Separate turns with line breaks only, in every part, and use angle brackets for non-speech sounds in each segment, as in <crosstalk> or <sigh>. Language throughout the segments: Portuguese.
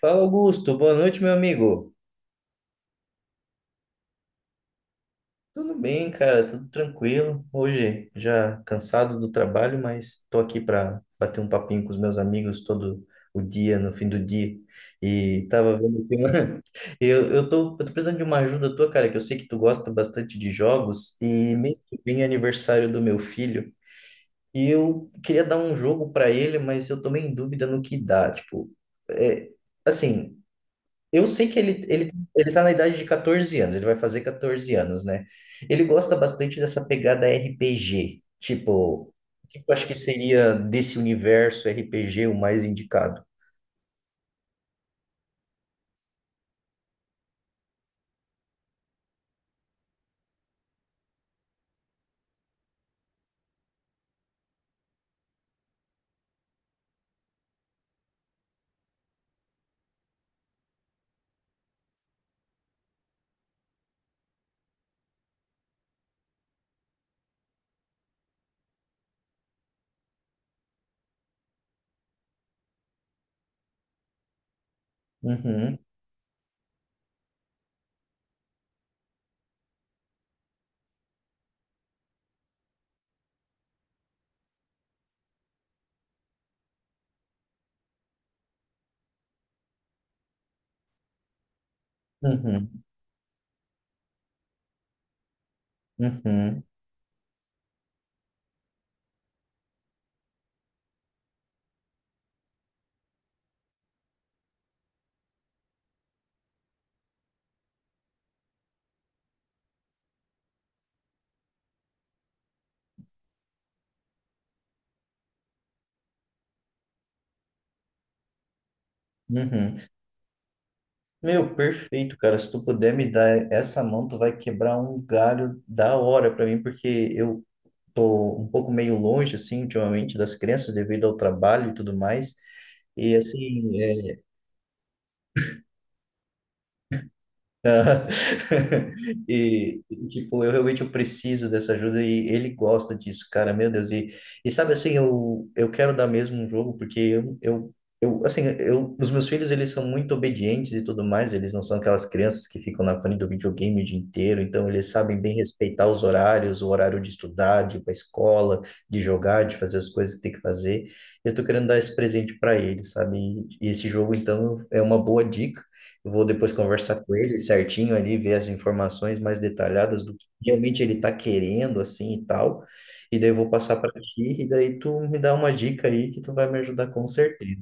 Fala, Augusto. Boa noite, meu amigo. Tudo bem, cara? Tudo tranquilo. Hoje já cansado do trabalho, mas tô aqui para bater um papinho com os meus amigos todo o dia, no fim do dia. E tava vendo que <laughs> eu tô precisando de uma ajuda tua, cara, que eu sei que tu gosta bastante de jogos e mês que vem é aniversário do meu filho. E eu queria dar um jogo para ele, mas eu tô meio em dúvida no que dá. Tipo, é, assim, eu sei que ele tá na idade de 14 anos, ele vai fazer 14 anos, né? Ele gosta bastante dessa pegada RPG, tipo, acho que seria desse universo RPG o mais indicado. Uhum, uhum, uhum, uhum. Meu, perfeito, cara. Se tu puder me dar essa mão, tu vai quebrar um galho da hora pra mim, porque eu tô um pouco meio longe, assim, ultimamente, das crianças devido ao trabalho e tudo mais. E assim, aham. <laughs> E, tipo, eu realmente eu preciso dessa ajuda e ele gosta disso, cara, meu Deus. E sabe assim, eu quero dar mesmo um jogo, porque eu assim, os meus filhos, eles são muito obedientes e tudo mais, eles não são aquelas crianças que ficam na frente do videogame o dia inteiro, então eles sabem bem respeitar os horários, o horário de estudar, de ir pra escola, de jogar, de fazer as coisas que tem que fazer. Eu tô querendo dar esse presente para eles, sabe? E esse jogo, então, é uma boa dica. Eu vou depois conversar com ele certinho ali, ver as informações mais detalhadas do que realmente ele está querendo, assim e tal. E daí eu vou passar para ti, e daí tu me dá uma dica aí que tu vai me ajudar com certeza.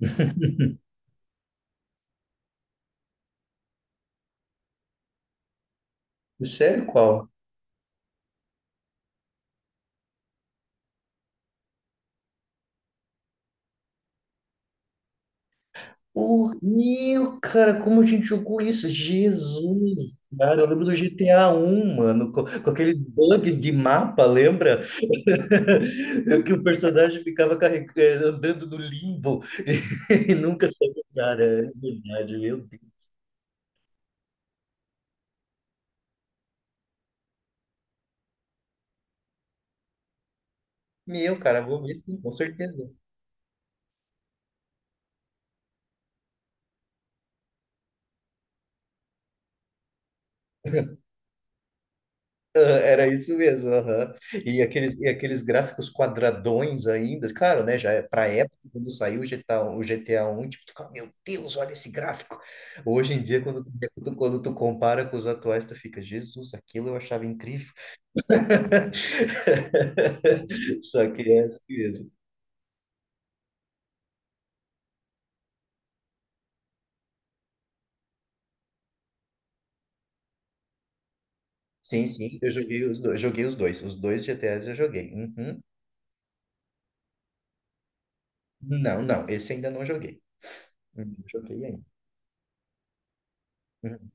<laughs> Sério, qual? Horrível, cara, como a gente jogou isso? Jesus, cara, eu lembro do GTA 1, mano, com aqueles bugs de mapa, lembra? <laughs> Que o personagem ficava andando no limbo <laughs> e nunca saiu, cara, é verdade, meu Deus. Meu, cara, vou ver sim, com certeza. Era isso mesmo, aham. E aqueles gráficos quadradões ainda, claro, né? Já é pra época, quando saiu o GTA, o GTA 1, tipo, tu fica, meu Deus, olha esse gráfico. Hoje em dia, quando tu compara com os atuais, tu fica, Jesus, aquilo eu achava incrível. <laughs> Só que é assim mesmo. Sim, sim, eu joguei os dois, joguei os dois. Os dois GTAs eu joguei. Uhum. Não, não, esse ainda não joguei. Uhum. Não joguei ainda. Uhum.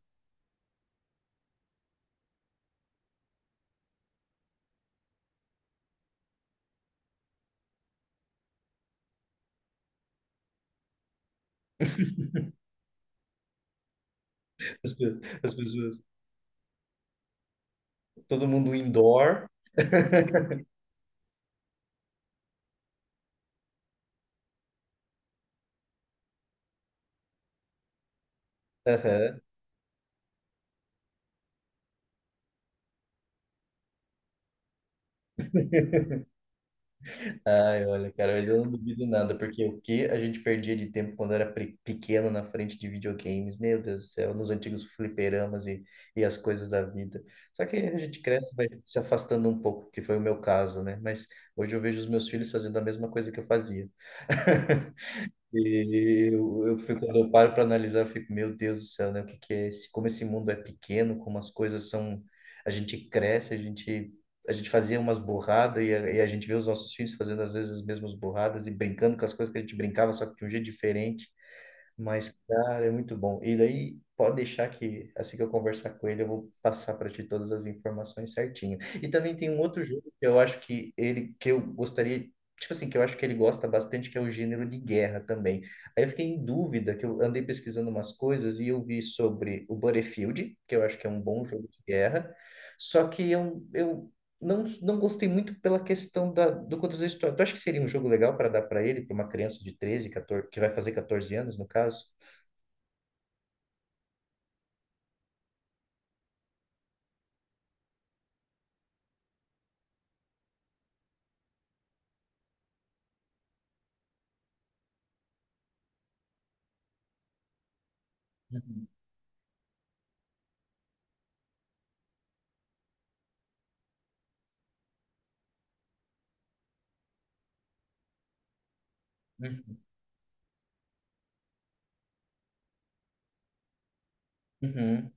As pessoas, todo mundo indoor. Aham. Ai, olha, cara, mas eu não duvido nada, porque o que a gente perdia de tempo quando era pequeno na frente de videogames, meu Deus do céu, nos antigos fliperamas e as coisas da vida. Só que a gente cresce, e vai se afastando um pouco, que foi o meu caso, né? Mas hoje eu vejo os meus filhos fazendo a mesma coisa que eu fazia. <laughs> E eu fico, quando eu paro para analisar, eu fico, meu Deus do céu, né? O que que é esse, como esse mundo é pequeno, como as coisas são, a gente cresce, a gente fazia umas borradas e a gente vê os nossos filhos fazendo às vezes as mesmas borradas e brincando com as coisas que a gente brincava, só que de um jeito diferente. Mas, cara, é muito bom. E daí, pode deixar que assim que eu conversar com ele, eu vou passar para ti todas as informações certinho. E também tem um outro jogo que eu acho que ele, que eu gostaria, tipo assim, que eu acho que ele gosta bastante, que é o gênero de guerra também. Aí eu fiquei em dúvida, que eu andei pesquisando umas coisas e eu vi sobre o Battlefield, que eu acho que é um bom jogo de guerra. Só que eu não, não gostei muito pela questão do quantas vezes tu acha que seria um jogo legal para dar para ele, para uma criança de treze, 14, que vai fazer 14 anos, no caso? Uhum, uhum,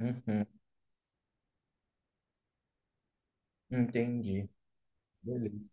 uhum, uhum. Entendi. Beleza.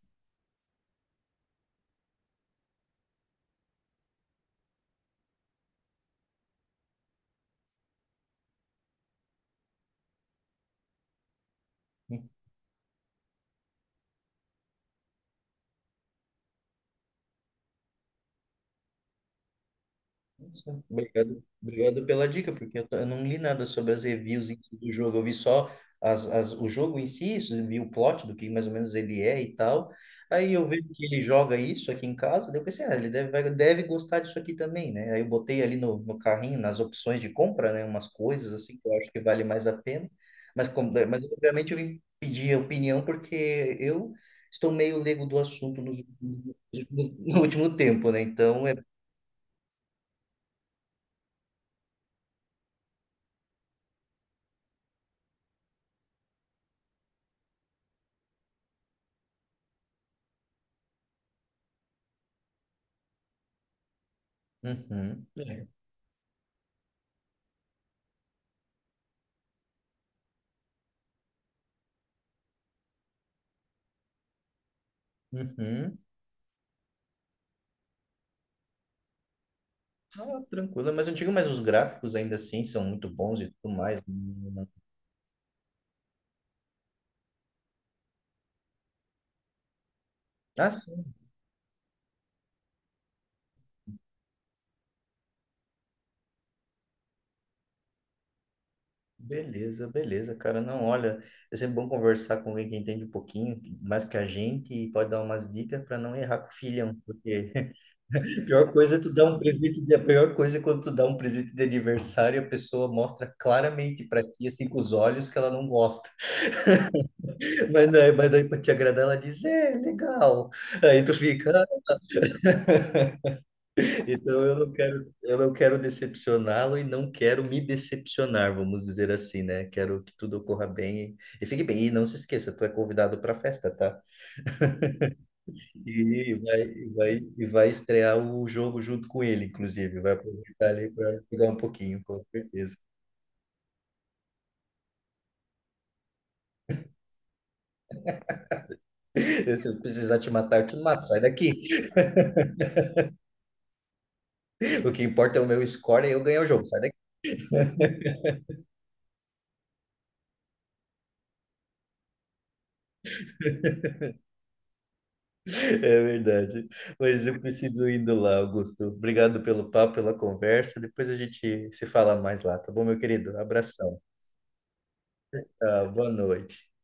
Nossa, obrigado, obrigado pela dica, porque eu não li nada sobre as reviews em si do jogo. Eu vi só o jogo em si, isso, vi o plot do que mais ou menos ele é e tal. Aí eu vejo que ele joga isso aqui em casa, daí eu pensei, ah, ele deve gostar disso aqui também, né? Aí eu botei ali no carrinho, nas opções de compra, né? Umas coisas assim que eu acho que vale mais a pena. Mas, como, mas obviamente eu vim pedir opinião porque eu estou meio leigo do assunto no último tempo, né? Então é. Uhum. Uhum. Ah, tranquilo, mas eu digo, mas os gráficos ainda assim são muito bons e tudo mais, né? Ah, sim. Beleza, beleza, cara. Não, olha, é sempre bom conversar com alguém que entende um pouquinho mais que a gente e pode dar umas dicas para não errar com o filhão, porque <laughs> a pior coisa é tu dar um presente de, a pior coisa é quando tu dá um presente de aniversário e a pessoa mostra claramente para ti, assim, com os olhos que ela não gosta. <laughs> Mas, mas daí para te agradar, ela diz, é, legal. Aí tu fica. Então eu não quero decepcioná-lo e não quero me decepcionar, vamos dizer assim, né? Quero que tudo ocorra bem e fique bem. E não se esqueça, tu é convidado para a festa, tá? E vai estrear o jogo junto com ele, inclusive. Vai aproveitar ali para jogar um pouquinho, com certeza. <laughs> Se eu precisar te matar, eu te mato, sai daqui. <laughs> O que importa é o meu score e eu ganhar o jogo, sai daqui. É verdade. Mas eu preciso ir indo lá, Augusto. Obrigado pelo papo, pela conversa. Depois a gente se fala mais lá, tá bom, meu querido? Abração. Tá, boa noite.